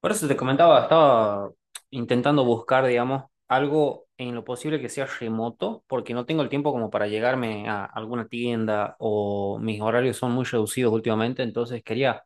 Por eso te comentaba, estaba intentando buscar, digamos, algo en lo posible que sea remoto, porque no tengo el tiempo como para llegarme a alguna tienda o mis horarios son muy reducidos últimamente, entonces quería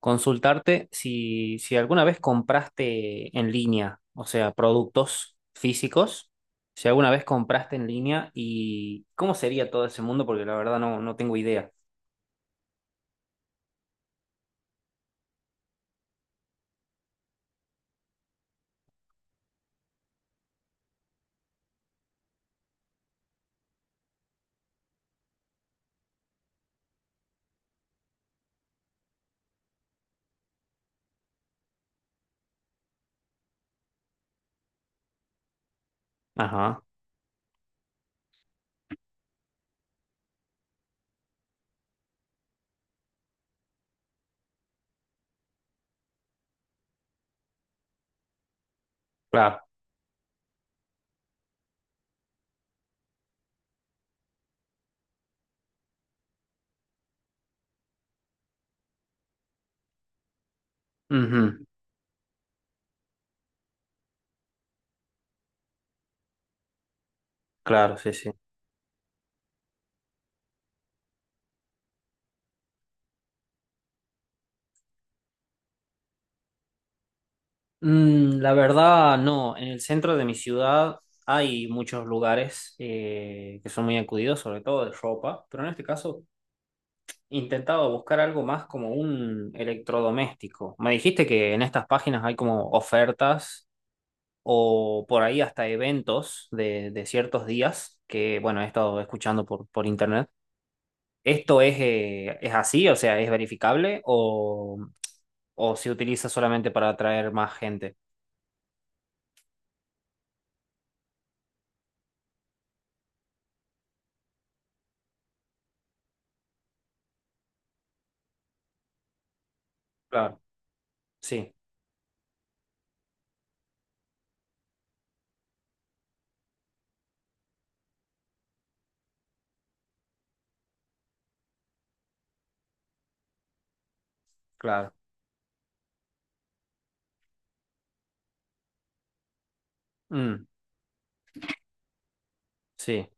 consultarte si alguna vez compraste en línea, o sea, productos físicos, si alguna vez compraste en línea y cómo sería todo ese mundo, porque la verdad no tengo idea. Ajá, claro. Ujú. Claro, sí, sí. Mm, la verdad, no. En el centro de mi ciudad hay muchos lugares que son muy acudidos, sobre todo de ropa, pero en este caso intentaba buscar algo más como un electrodoméstico. Me dijiste que en estas páginas hay como ofertas o por ahí hasta eventos de ciertos días que, bueno, he estado escuchando por internet. ¿Esto es así? O sea, ¿es verificable o se utiliza solamente para atraer más gente? Claro, sí, claro. Mm, sí,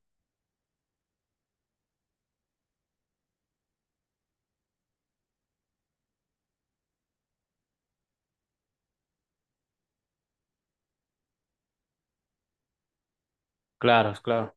claro, claro.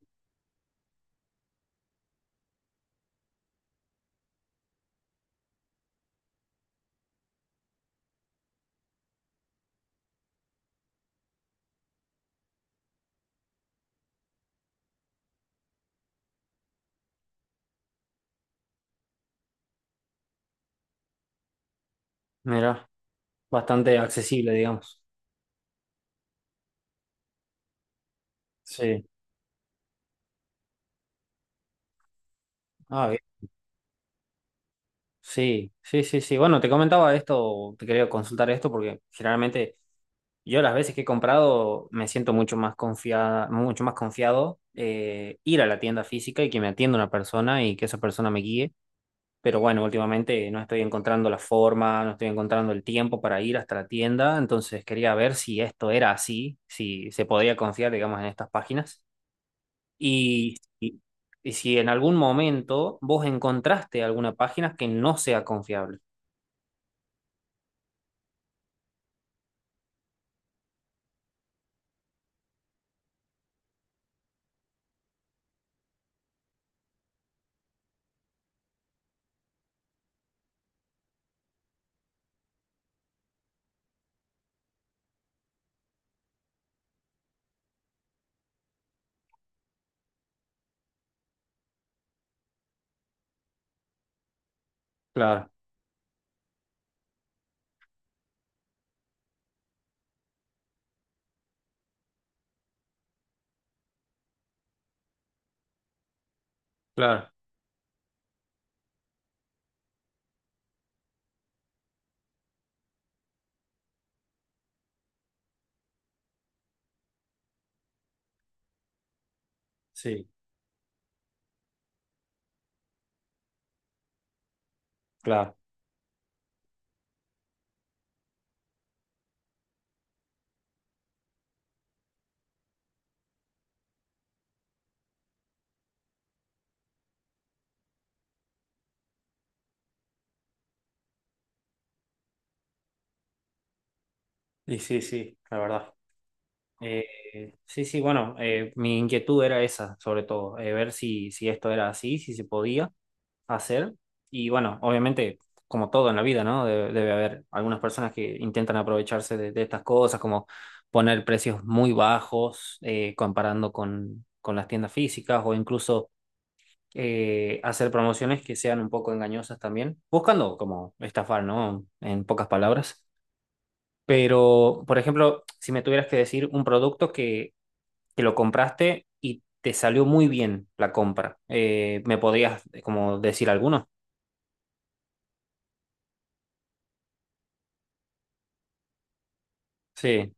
Mira, bastante accesible, digamos. Sí. Ah, bien. Sí, sí, sí, sí. Bueno, te comentaba esto, te quería consultar esto porque generalmente yo las veces que he comprado me siento mucho más confiada, mucho más confiado, ir a la tienda física y que me atienda una persona y que esa persona me guíe. Pero bueno, últimamente no estoy encontrando la forma, no estoy encontrando el tiempo para ir hasta la tienda, entonces quería ver si esto era así, si se podía confiar, digamos, en estas páginas. Y, y- y si en algún momento vos encontraste alguna página que no sea confiable. Claro, claro, sí, claro. Y sí, sí, la verdad. Sí, sí, bueno, mi inquietud era esa, sobre todo, ver si esto era así, si se podía hacer. Y bueno, obviamente, como todo en la vida, ¿no? Debe, debe haber algunas personas que intentan aprovecharse de estas cosas, como poner precios muy bajos, comparando con las tiendas físicas o incluso, hacer promociones que sean un poco engañosas también, buscando como estafar, ¿no? En pocas palabras. Pero, por ejemplo, si me tuvieras que decir un producto que lo compraste y te salió muy bien la compra, ¿me podrías como decir alguno? Sí,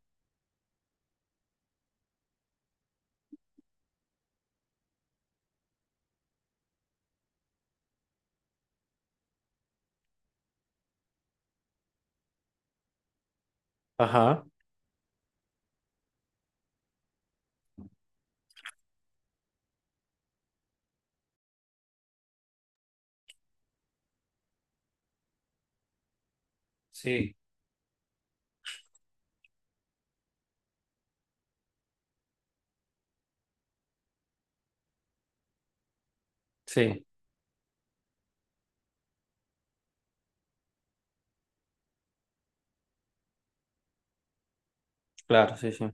ajá, sí, sí, claro, sí, sí.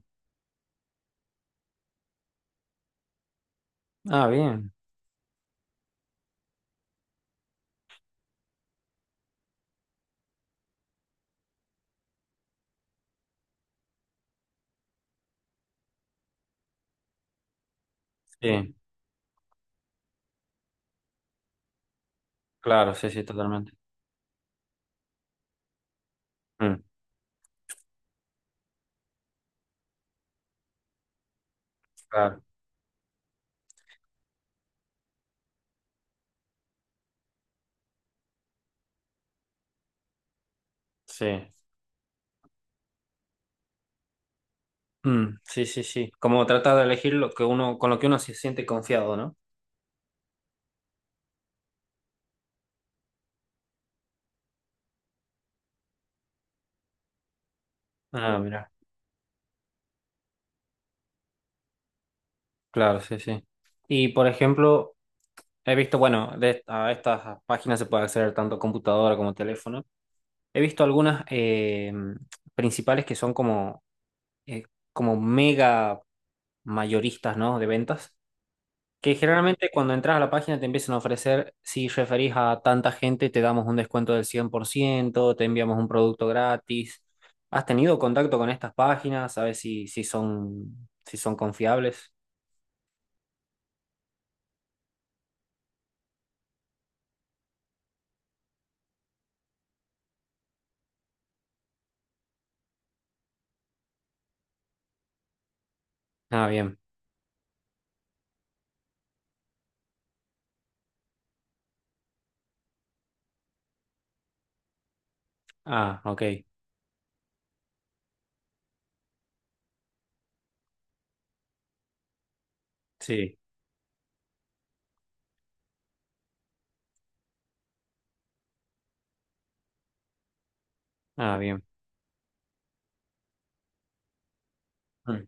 Ah, bien, sí, claro, sí, sí, totalmente. Mm, claro, sí. Mm, sí, sí, sí. Como trata de elegir lo que uno, con lo que uno se siente confiado, ¿no? Ah, mira. Claro, sí, sí. Y por ejemplo, he visto, bueno, de, a estas páginas se puede acceder tanto computadora como teléfono. He visto algunas principales que son como, eh, como mega mayoristas, ¿no? De ventas, que generalmente cuando entras a la página te empiezan a ofrecer, si referís a tanta gente, te damos un descuento del 100%, te enviamos un producto gratis. ¿Has tenido contacto con estas páginas? ¿Sabes si son, si son confiables? Ah, bien. Ah, ok. Sí. Ah, bien. Mm.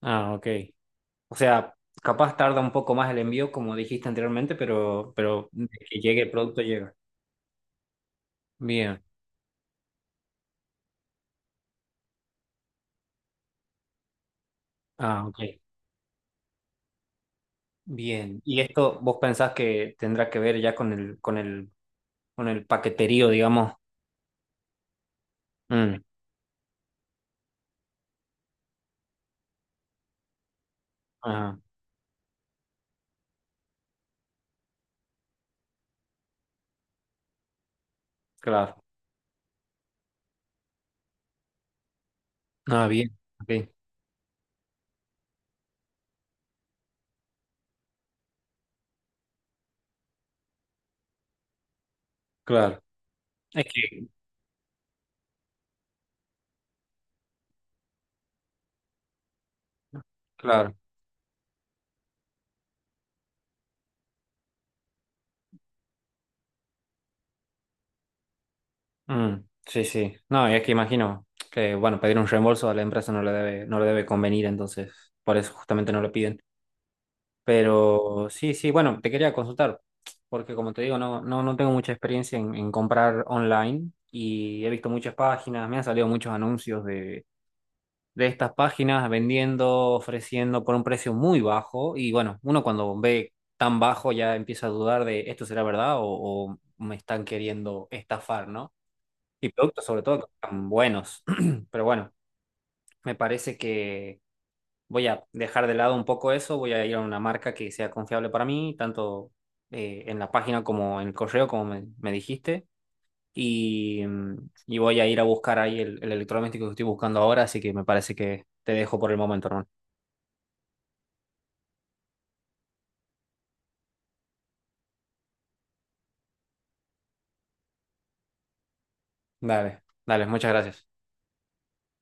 Ah, ok. O sea, capaz tarda un poco más el envío, como dijiste anteriormente, pero de que llegue el producto llega. Bien. Ah, ok. Bien. ¿Y esto vos pensás que tendrá que ver ya con el paqueterío, digamos? Mm. Ah, claro. Ah, bien. Ok. Claro. Es que, claro. Mm. Sí, sí. No, y es que imagino que, bueno, pedir un reembolso a la empresa no le debe convenir, entonces, por eso justamente no lo piden. Pero sí, sí, bueno, te quería consultar, porque como te digo, no tengo mucha experiencia en comprar online y he visto muchas páginas, me han salido muchos anuncios de estas páginas vendiendo, ofreciendo por un precio muy bajo y bueno, uno cuando ve tan bajo ya empieza a dudar de esto será verdad o me están queriendo estafar, ¿no? Y productos sobre todo que están buenos, pero bueno, me parece voy a dejar de lado un poco eso, voy a ir a una marca que sea confiable para mí, tanto en la página como en el correo, como me dijiste, y, mm, y voy a ir a buscar ahí el electrodoméstico que estoy buscando ahora, así que me parece que te dejo por el momento, hermano. Dale, dale, muchas gracias.